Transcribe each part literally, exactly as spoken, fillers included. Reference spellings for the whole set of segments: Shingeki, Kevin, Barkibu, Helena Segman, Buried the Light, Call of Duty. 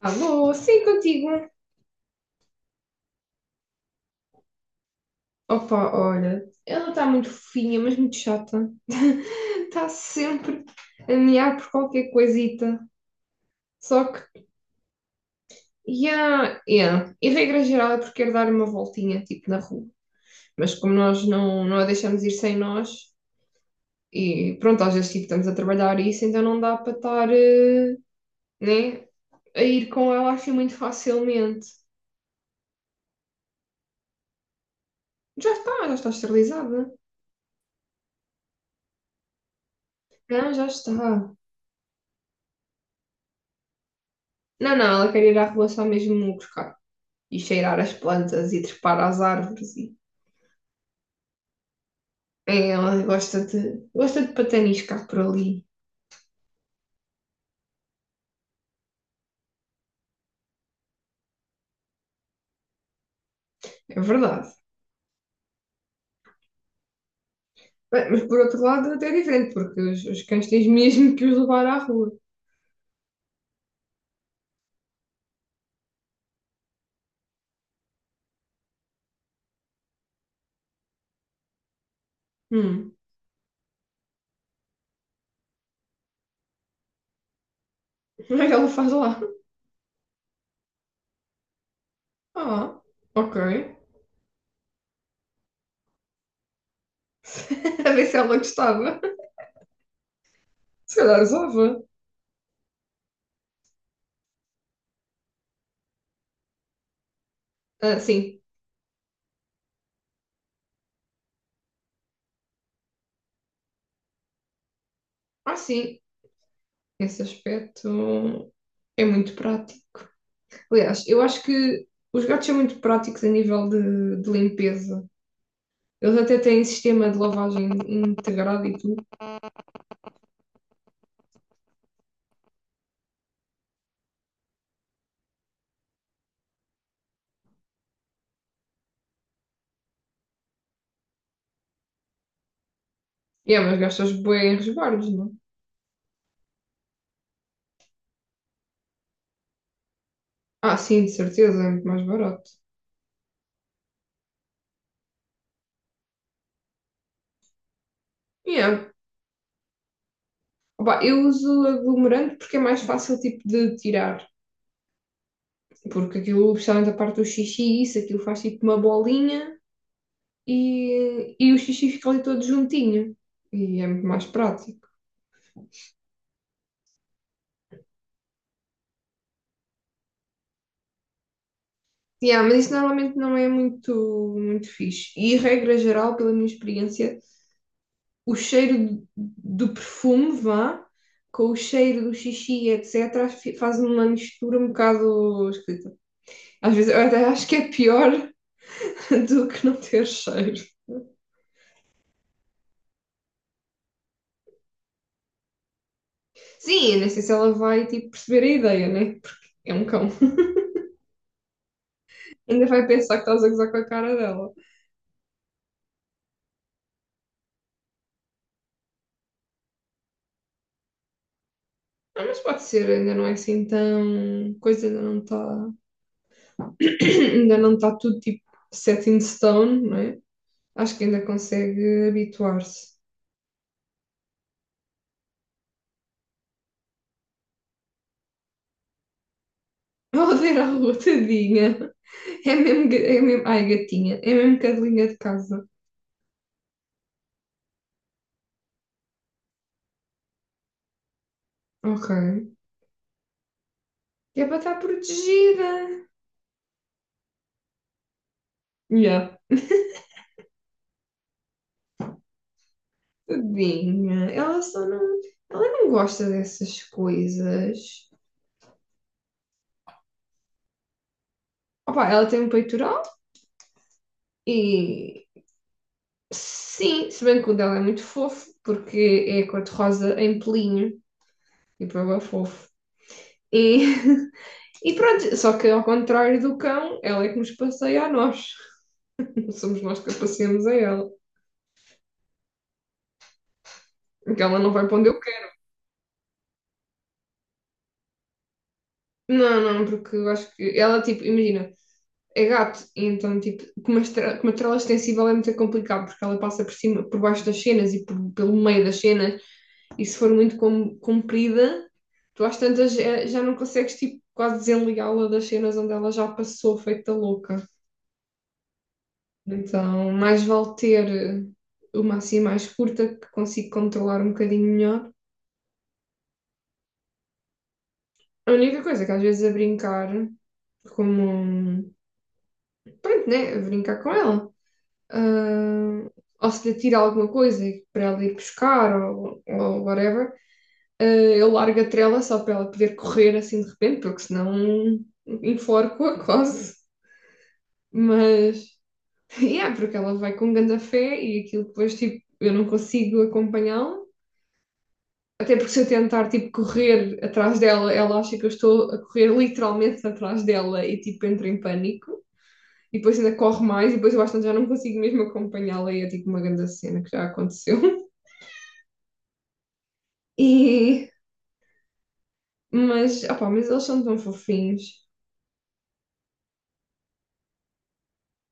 Alô, sim, contigo. Opa, olha, ela está muito fofinha, mas muito chata. Está sempre a mear por qualquer coisita. Só que, yeah, yeah. E regra geral é porque quer dar uma voltinha, tipo, na rua. Mas como nós não, não a deixamos ir sem nós, e pronto, às vezes, tipo, estamos a trabalhar isso, então não dá para estar, eh, né, a ir com ela assim muito facilmente. Já está, já está esterilizada. Não, já está. Não, não, ela quer ir à rua só mesmo buscar e cheirar as plantas e trepar às árvores. E... É, ela gosta de, gosta de pataniscar por ali, é verdade. Bem, mas por outro lado, é até é diferente, porque os, os cães tens mesmo que os levar à rua. Hum, o que é que ela faz lá? Ah, ok. A ver se ela gostava. Se calhar usava. Ah, sim. Ah, sim. Esse aspecto é muito prático. Aliás, eu acho que os gatos são muito práticos a nível de, de limpeza. Eles até têm sistema de lavagem integrado e tudo. Yeah, mas gastas bué em resguardos, não? Ah, sim, de certeza, é muito mais barato. Yeah. Opa, eu uso aglomerante porque é mais fácil tipo de tirar. Porque aquilo, especialmente a parte do xixi, isso, aquilo faz tipo uma bolinha e, e o xixi fica ali todo juntinho. E é muito mais prático. Yeah, mas isso normalmente não é muito, muito fixe. E regra geral, pela minha experiência, o cheiro do perfume, vá, com o cheiro do xixi, etecétera, faz uma mistura um bocado esquisita. Às vezes eu até acho que é pior do que não ter cheiro. Sim, eu sei se ela vai tipo perceber a ideia, né? Porque é um cão. Ainda vai pensar que estás a gozar com a cara dela. Ah, mas pode ser, ainda não é assim tão. Coisa ainda não está. Ainda não está tudo tipo set in stone, não é? Acho que ainda consegue habituar-se. Oh, a rua, tadinha. É mesmo, ga- é mesmo. Ai, gatinha. É mesmo cadelinha de casa. Ok. Que é para estar protegida. Yeah. Tadinha. Ela só não. Ela não gosta dessas coisas. Opa, ela tem um peitoral e. Sim, se bem que o dela é muito fofo, porque é cor-de-rosa em pelinho. Tipo, é bué fofo. E, e pronto, só que ao contrário do cão, ela é que nos passeia a nós. Somos nós que a passeamos a ela. Porque ela não vai para onde eu quero. Não, não, porque eu acho que ela, tipo, imagina, é gato, e então, tipo, com uma estra- com uma trela extensível é muito complicado, porque ela passa por cima, por baixo das cenas e por- pelo meio das cenas e se for muito com- comprida, tu às tantas já, já não consegues, tipo, quase desenligá-la das cenas onde ela já passou feita louca. Então, mais vale ter eh, uma assim mais curta, que consigo controlar um bocadinho melhor. A única coisa que às vezes a brincar, como, pronto, né, a brincar com ela. ah, ou se lhe tira alguma coisa para ela ir buscar ou, ou whatever, ah, eu largo a trela só para ela poder correr assim de repente, porque senão enforco-a quase. Mas, é, yeah, porque ela vai com grande fé e aquilo depois, tipo, eu não consigo acompanhá-la. Até porque se eu tentar, tipo, correr atrás dela, ela acha que eu estou a correr literalmente atrás dela e, tipo, entra em pânico. E depois ainda corre mais e depois eu acho que já não consigo mesmo acompanhá-la e é, tipo, uma grande cena que já aconteceu. E, mas, opá, mas eles são tão fofinhos.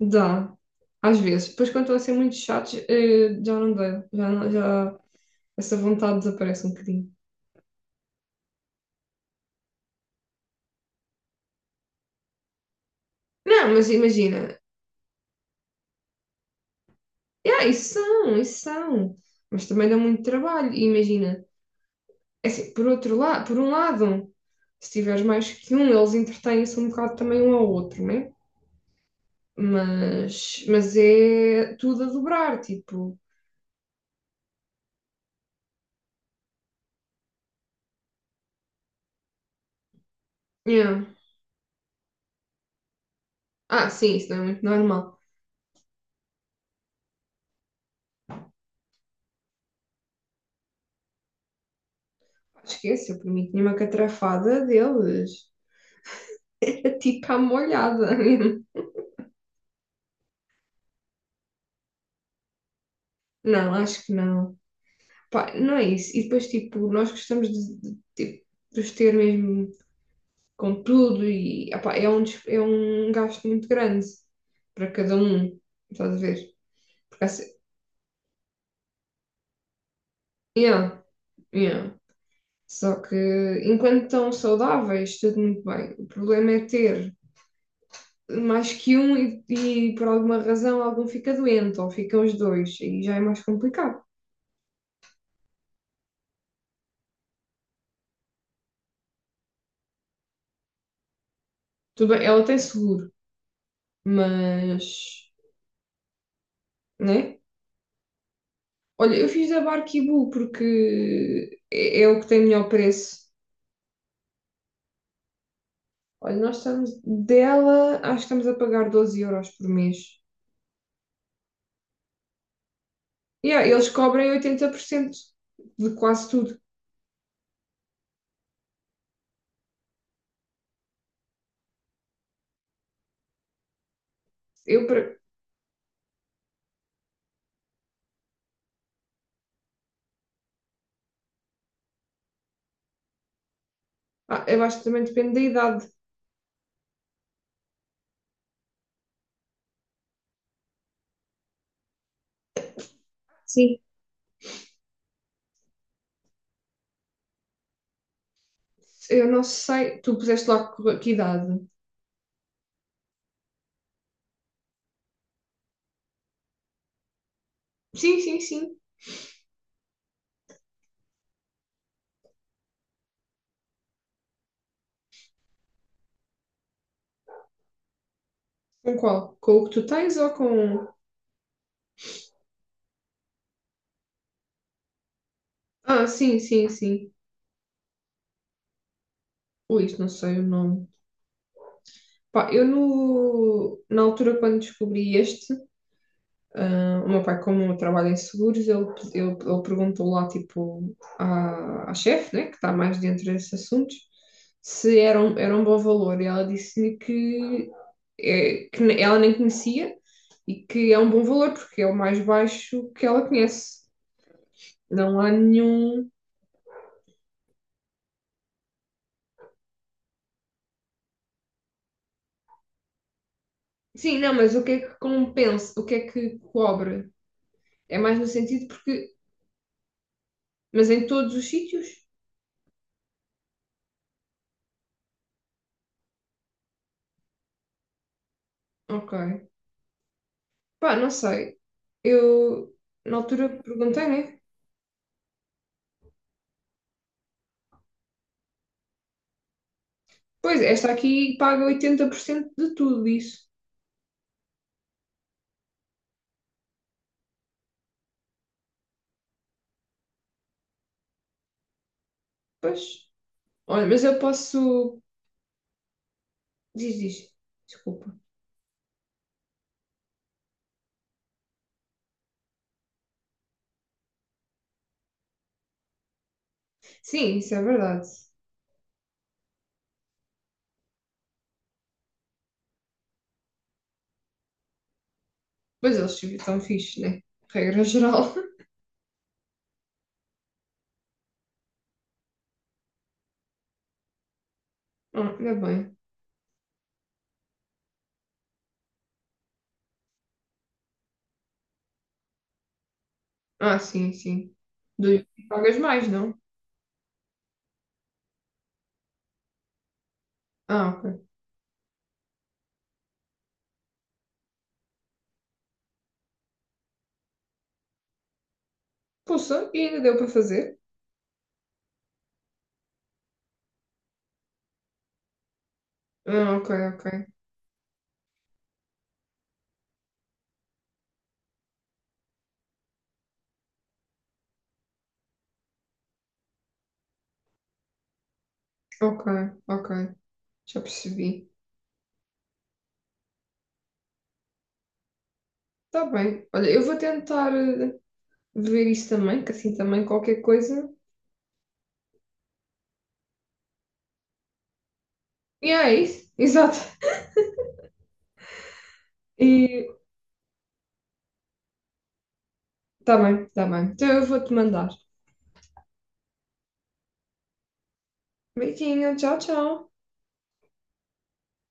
Dá, às vezes. Depois, quando estão a ser muito chatos, eh, já não dá. Já, não- já essa vontade desaparece um bocadinho. Não, mas imagina. Yeah, isso são, isso são. Mas também dá muito trabalho. E imagina. É assim, por outro lado, por um lado, se tiveres mais que um, eles entretêm-se um bocado também um ao outro, né? Mas, mas é tudo a dobrar, tipo. Yeah. Ah, sim, isso não é muito normal. Esquece, eu para mim tinha uma catrafada deles. Era tipo à molhada mesmo. Não, acho que não. Pá, não é isso. E depois, tipo, nós gostamos de, de- tipo, de os ter mesmo com tudo e ah pá, é um, des- é um gasto muito grande para cada um. Estás a ver? Porque assim, yeah, yeah. Só que enquanto estão saudáveis, tudo muito bem. O problema é ter mais que um e, e por alguma razão algum fica doente ou ficam os dois, e já é mais complicado. Tudo bem, ela tem seguro, mas, né? Olha, eu fiz a Barkibu porque é, é o que tem melhor preço. Olha, nós estamos dela, acho que estamos a pagar doze euros por mês. Yeah, eles cobrem oitenta por cento de quase tudo. Eu, para- ah, eu acho que também depende da idade. Sim. Eu não sei, tu puseste lá que que idade? Sim, sim, sim. Com qual? Com o que tu tens ou com. Ah, sim, sim, sim. Ui, isso não sei o nome. Pá, eu no... na altura quando descobri este, ah, o meu pai, como trabalha em seguros, ele, ele, ele perguntou lá, tipo, à, à chefe, né, que está mais dentro desses assuntos, se era um, era um bom valor. E ela disse-me que, é, que ne- ela nem conhecia e que é um bom valor, porque é o mais baixo que ela conhece. Não há nenhum. Sim, não, mas o que é que compensa? O que é que cobre? É mais no sentido porque. Mas em todos os sítios? Ok. Pá, não sei. Eu, na altura, perguntei, né? Pois, esta aqui paga oitenta por cento de tudo isso. Pois. Olha, mas eu posso. Diz, diz. Desculpa. Sim, isso é verdade. Pois eles estão fixes, né? Regra geral. Ah, ainda bem. Ah, sim, sim. Do pagas mais, não? Ah, ok. Poxa, e ainda deu para fazer? Ah, ok, ok. Ok, ok, já percebi. Está bem. Olha, eu vou tentar eh, ver isso também, que assim também qualquer coisa. E é isso, exato. E está bem, está bem. Então eu vou-te mandar. Beijinho, tchau, tchau.